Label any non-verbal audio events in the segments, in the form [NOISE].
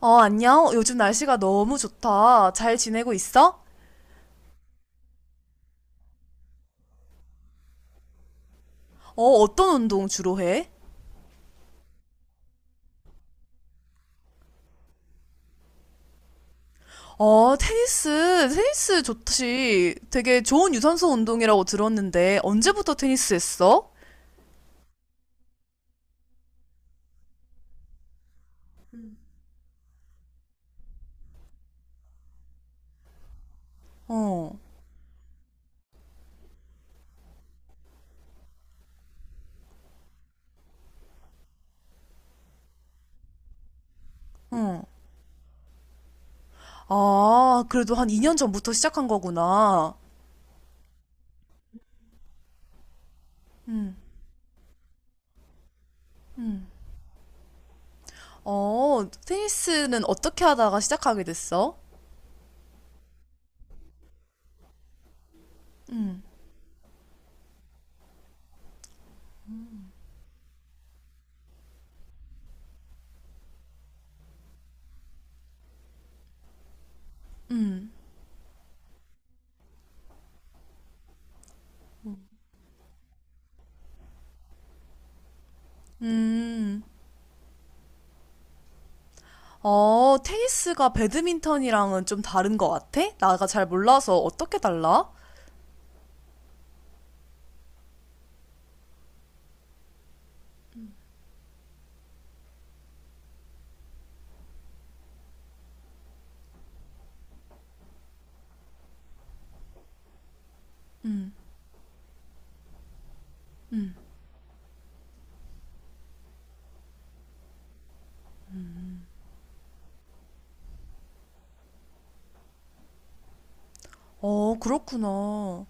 어, 안녕. 요즘 날씨가 너무 좋다. 잘 지내고 있어? 어, 어떤 운동 주로 해? 어, 테니스. 테니스 좋지. 되게 좋은 유산소 운동이라고 들었는데, 언제부터 테니스 했어? 어, 응. 아, 그래도 한 2년 전부터 시작한 거구나. 응, 응. 어, 테니스는 어떻게 하다가 시작하게 됐어? 응, 응, 음. 어, 테니스가 배드민턴이랑은 좀 다른 것 같아? 나가 잘 몰라서 어떻게 달라? 음. 어, 그렇구나.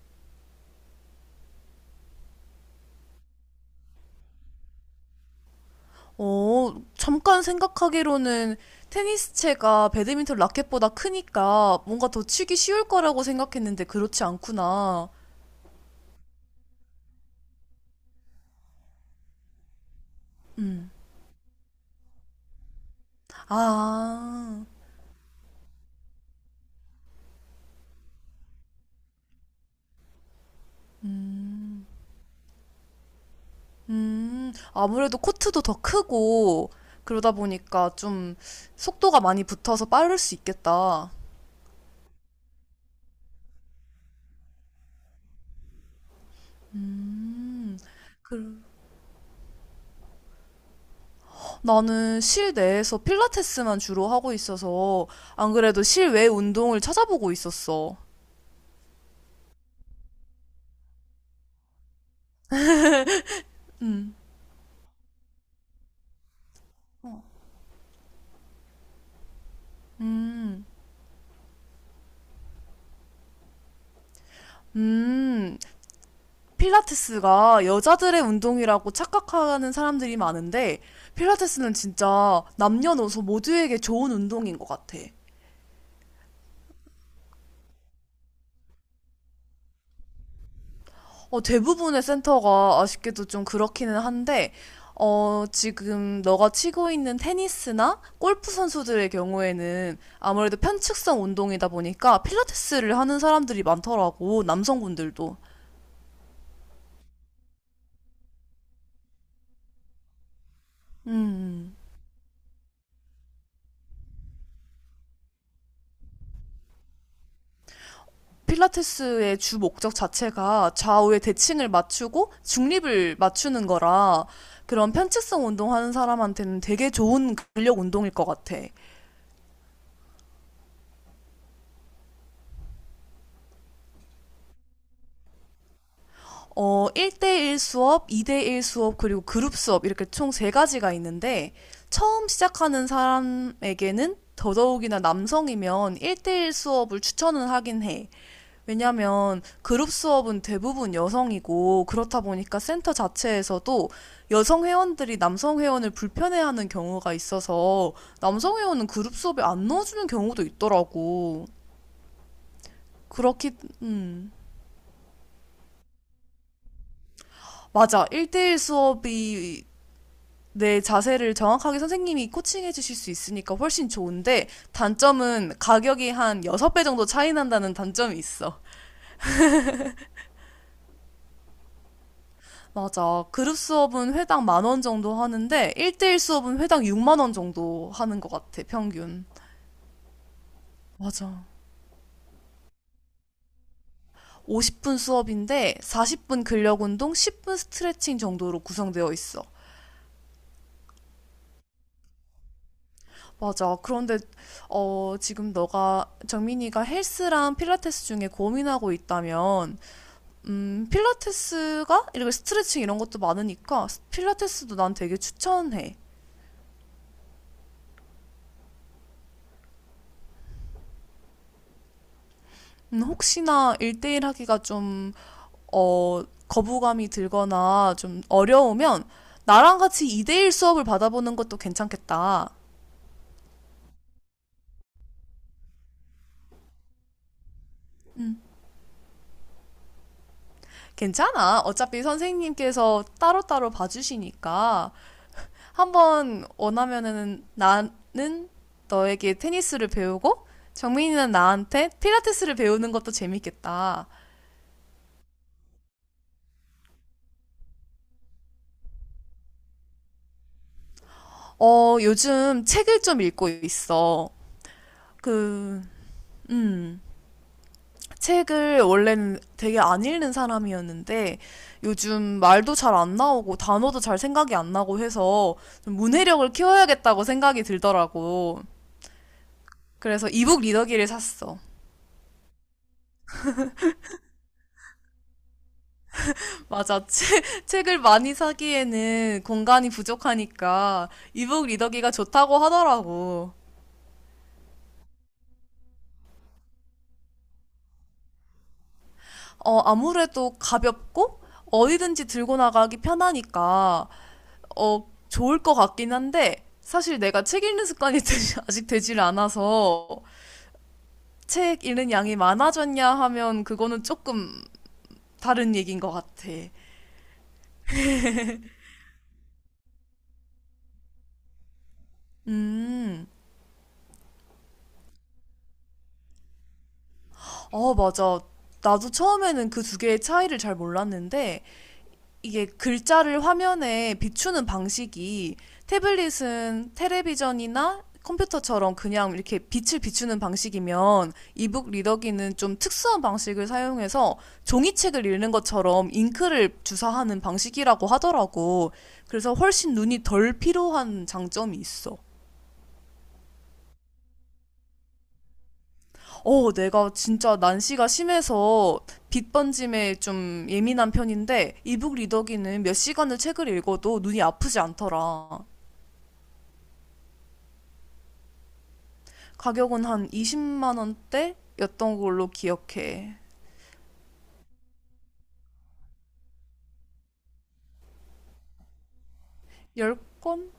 어, 잠깐 생각하기로는 테니스채가 배드민턴 라켓보다 크니까 뭔가 더 치기 쉬울 거라고 생각했는데 그렇지 않구나. 음. 아, 음, 아무래도 코트도 더 크고 그러다 보니까 좀 속도가 많이 붙어서 빠를 수 있겠다. 음. 그, 나는 실내에서 필라테스만 주로 하고 있어서 안 그래도 실외 운동을 찾아보고 있었어. 음, 음, 음. 필라테스가 여자들의 운동이라고 착각하는 사람들이 많은데 필라테스는 진짜 남녀노소 모두에게 좋은 운동인 것 같아. 어, 대부분의 센터가 아쉽게도 좀 그렇기는 한데, 어, 지금 너가 치고 있는 테니스나 골프 선수들의 경우에는 아무래도 편측성 운동이다 보니까 필라테스를 하는 사람들이 많더라고, 남성분들도. 음. 필라테스의 주 목적 자체가 좌우의 대칭을 맞추고 중립을 맞추는 거라 그런 편측성 운동하는 사람한테는 되게 좋은 근력 운동일 것 같아. 어, 1대1 수업, 2대1 수업, 그리고 그룹 수업, 이렇게 총 세 가지가 있는데, 처음 시작하는 사람에게는 더더욱이나 남성이면 1대1 수업을 추천은 하긴 해. 왜냐면 그룹 수업은 대부분 여성이고, 그렇다 보니까 센터 자체에서도 여성 회원들이 남성 회원을 불편해하는 경우가 있어서, 남성 회원은 그룹 수업에 안 넣어주는 경우도 있더라고. 그렇기, 음. 맞아. 1대1 수업이 내 자세를 정확하게 선생님이 코칭해 주실 수 있으니까 훨씬 좋은데 단점은 가격이 한 6배 정도 차이 난다는 단점이 있어. 맞아. 그룹 수업은 회당 만원 정도 하는데 1대1 수업은 회당 6만 원 정도 하는 것 같아, 평균. 맞아. 50분 수업인데 40분 근력 운동, 10분 스트레칭 정도로 구성되어 있어. 맞아. 그런데 어, 지금 너가 정민이가 헬스랑 필라테스 중에 고민하고 있다면 필라테스가 이렇게 스트레칭 이런 것도 많으니까 필라테스도 난 되게 추천해. 혹시나 1대1 하기가 좀, 어, 거부감이 들거나 좀 어려우면 나랑 같이 2대1 수업을 받아보는 것도 괜찮겠다. 괜찮아. 어차피 선생님께서 따로따로 봐주시니까 한번 원하면은 나는 너에게 테니스를 배우고 정민이는 나한테 필라테스를 배우는 것도 재밌겠다. 어, 요즘 책을 좀 읽고 있어. 그, 음, 책을 원래는 되게 안 읽는 사람이었는데 요즘 말도 잘 안 나오고 단어도 잘 생각이 안 나고 해서 좀 문해력을 키워야겠다고 생각이 들더라고. 그래서 이북 리더기를 샀어. [LAUGHS] 맞아. 책을 많이 사기에는 공간이 부족하니까 이북 리더기가 좋다고 하더라고. 어, 아무래도 가볍고 어디든지 들고 나가기 편하니까 어, 좋을 것 같긴 한데, 사실 내가 책 읽는 습관이 [LAUGHS] 아직 되질 않아서, 책 읽는 양이 많아졌냐 하면 그거는 조금 다른 얘기인 것 같아. 음, 어, 맞아. 나도 처음에는 그 두 개의 차이를 잘 몰랐는데, 이게 글자를 화면에 비추는 방식이 태블릿은 텔레비전이나 컴퓨터처럼 그냥 이렇게 빛을 비추는 방식이면 이북 리더기는 좀 특수한 방식을 사용해서 종이책을 읽는 것처럼 잉크를 주사하는 방식이라고 하더라고. 그래서 훨씬 눈이 덜 필요한 장점이 있어. 어, 내가 진짜 난시가 심해서 빛 번짐에 좀 예민한 편인데 이북 리더기는 몇 시간을 책을 읽어도 눈이 아프지 않더라. 가격은 한 20만 원대였던 걸로 기억해. 10권?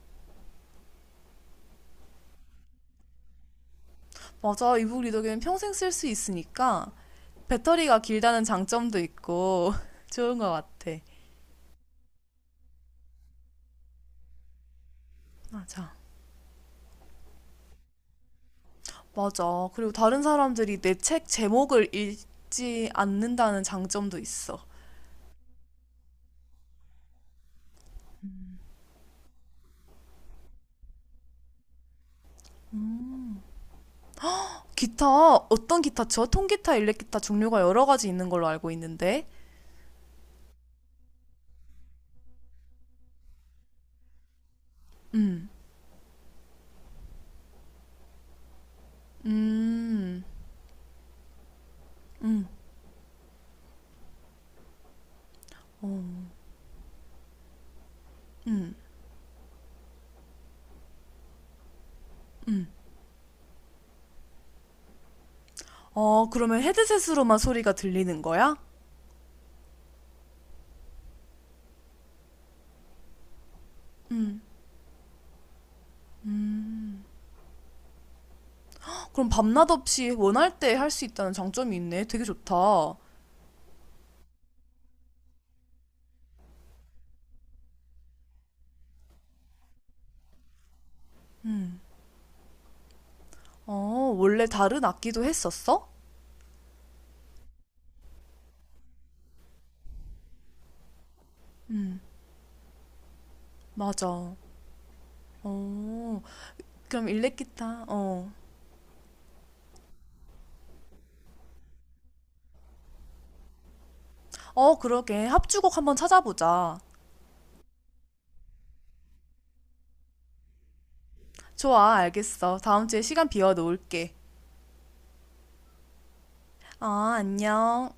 맞아. 이북 리더기는 평생 쓸 수 있으니까 배터리가 길다는 장점도 있고 [LAUGHS] 좋은 것 같아. 맞아. 맞아. 그리고 다른 사람들이 내 책 제목을 읽지 않는다는 장점도 있어. 기타, 어떤 기타 쳐? 통기타, 일렉기타 종류가 여러 가지 있는 걸로 알고 있는데. 음, 음, 음, 어, 음. 어, 그러면 헤드셋으로만 소리가 들리는 거야? 그럼 밤낮 없이 원할 때 할 수 있다는 장점이 있네. 되게 좋다. 어, 원래 다른 악기도 했었어? 맞아. 어, 그럼 일렉기타. 어. 어, 그러게. 합주곡 한번 찾아보자. 좋아, 알겠어. 다음 주에 시간 비워 놓을게. 아, 안녕.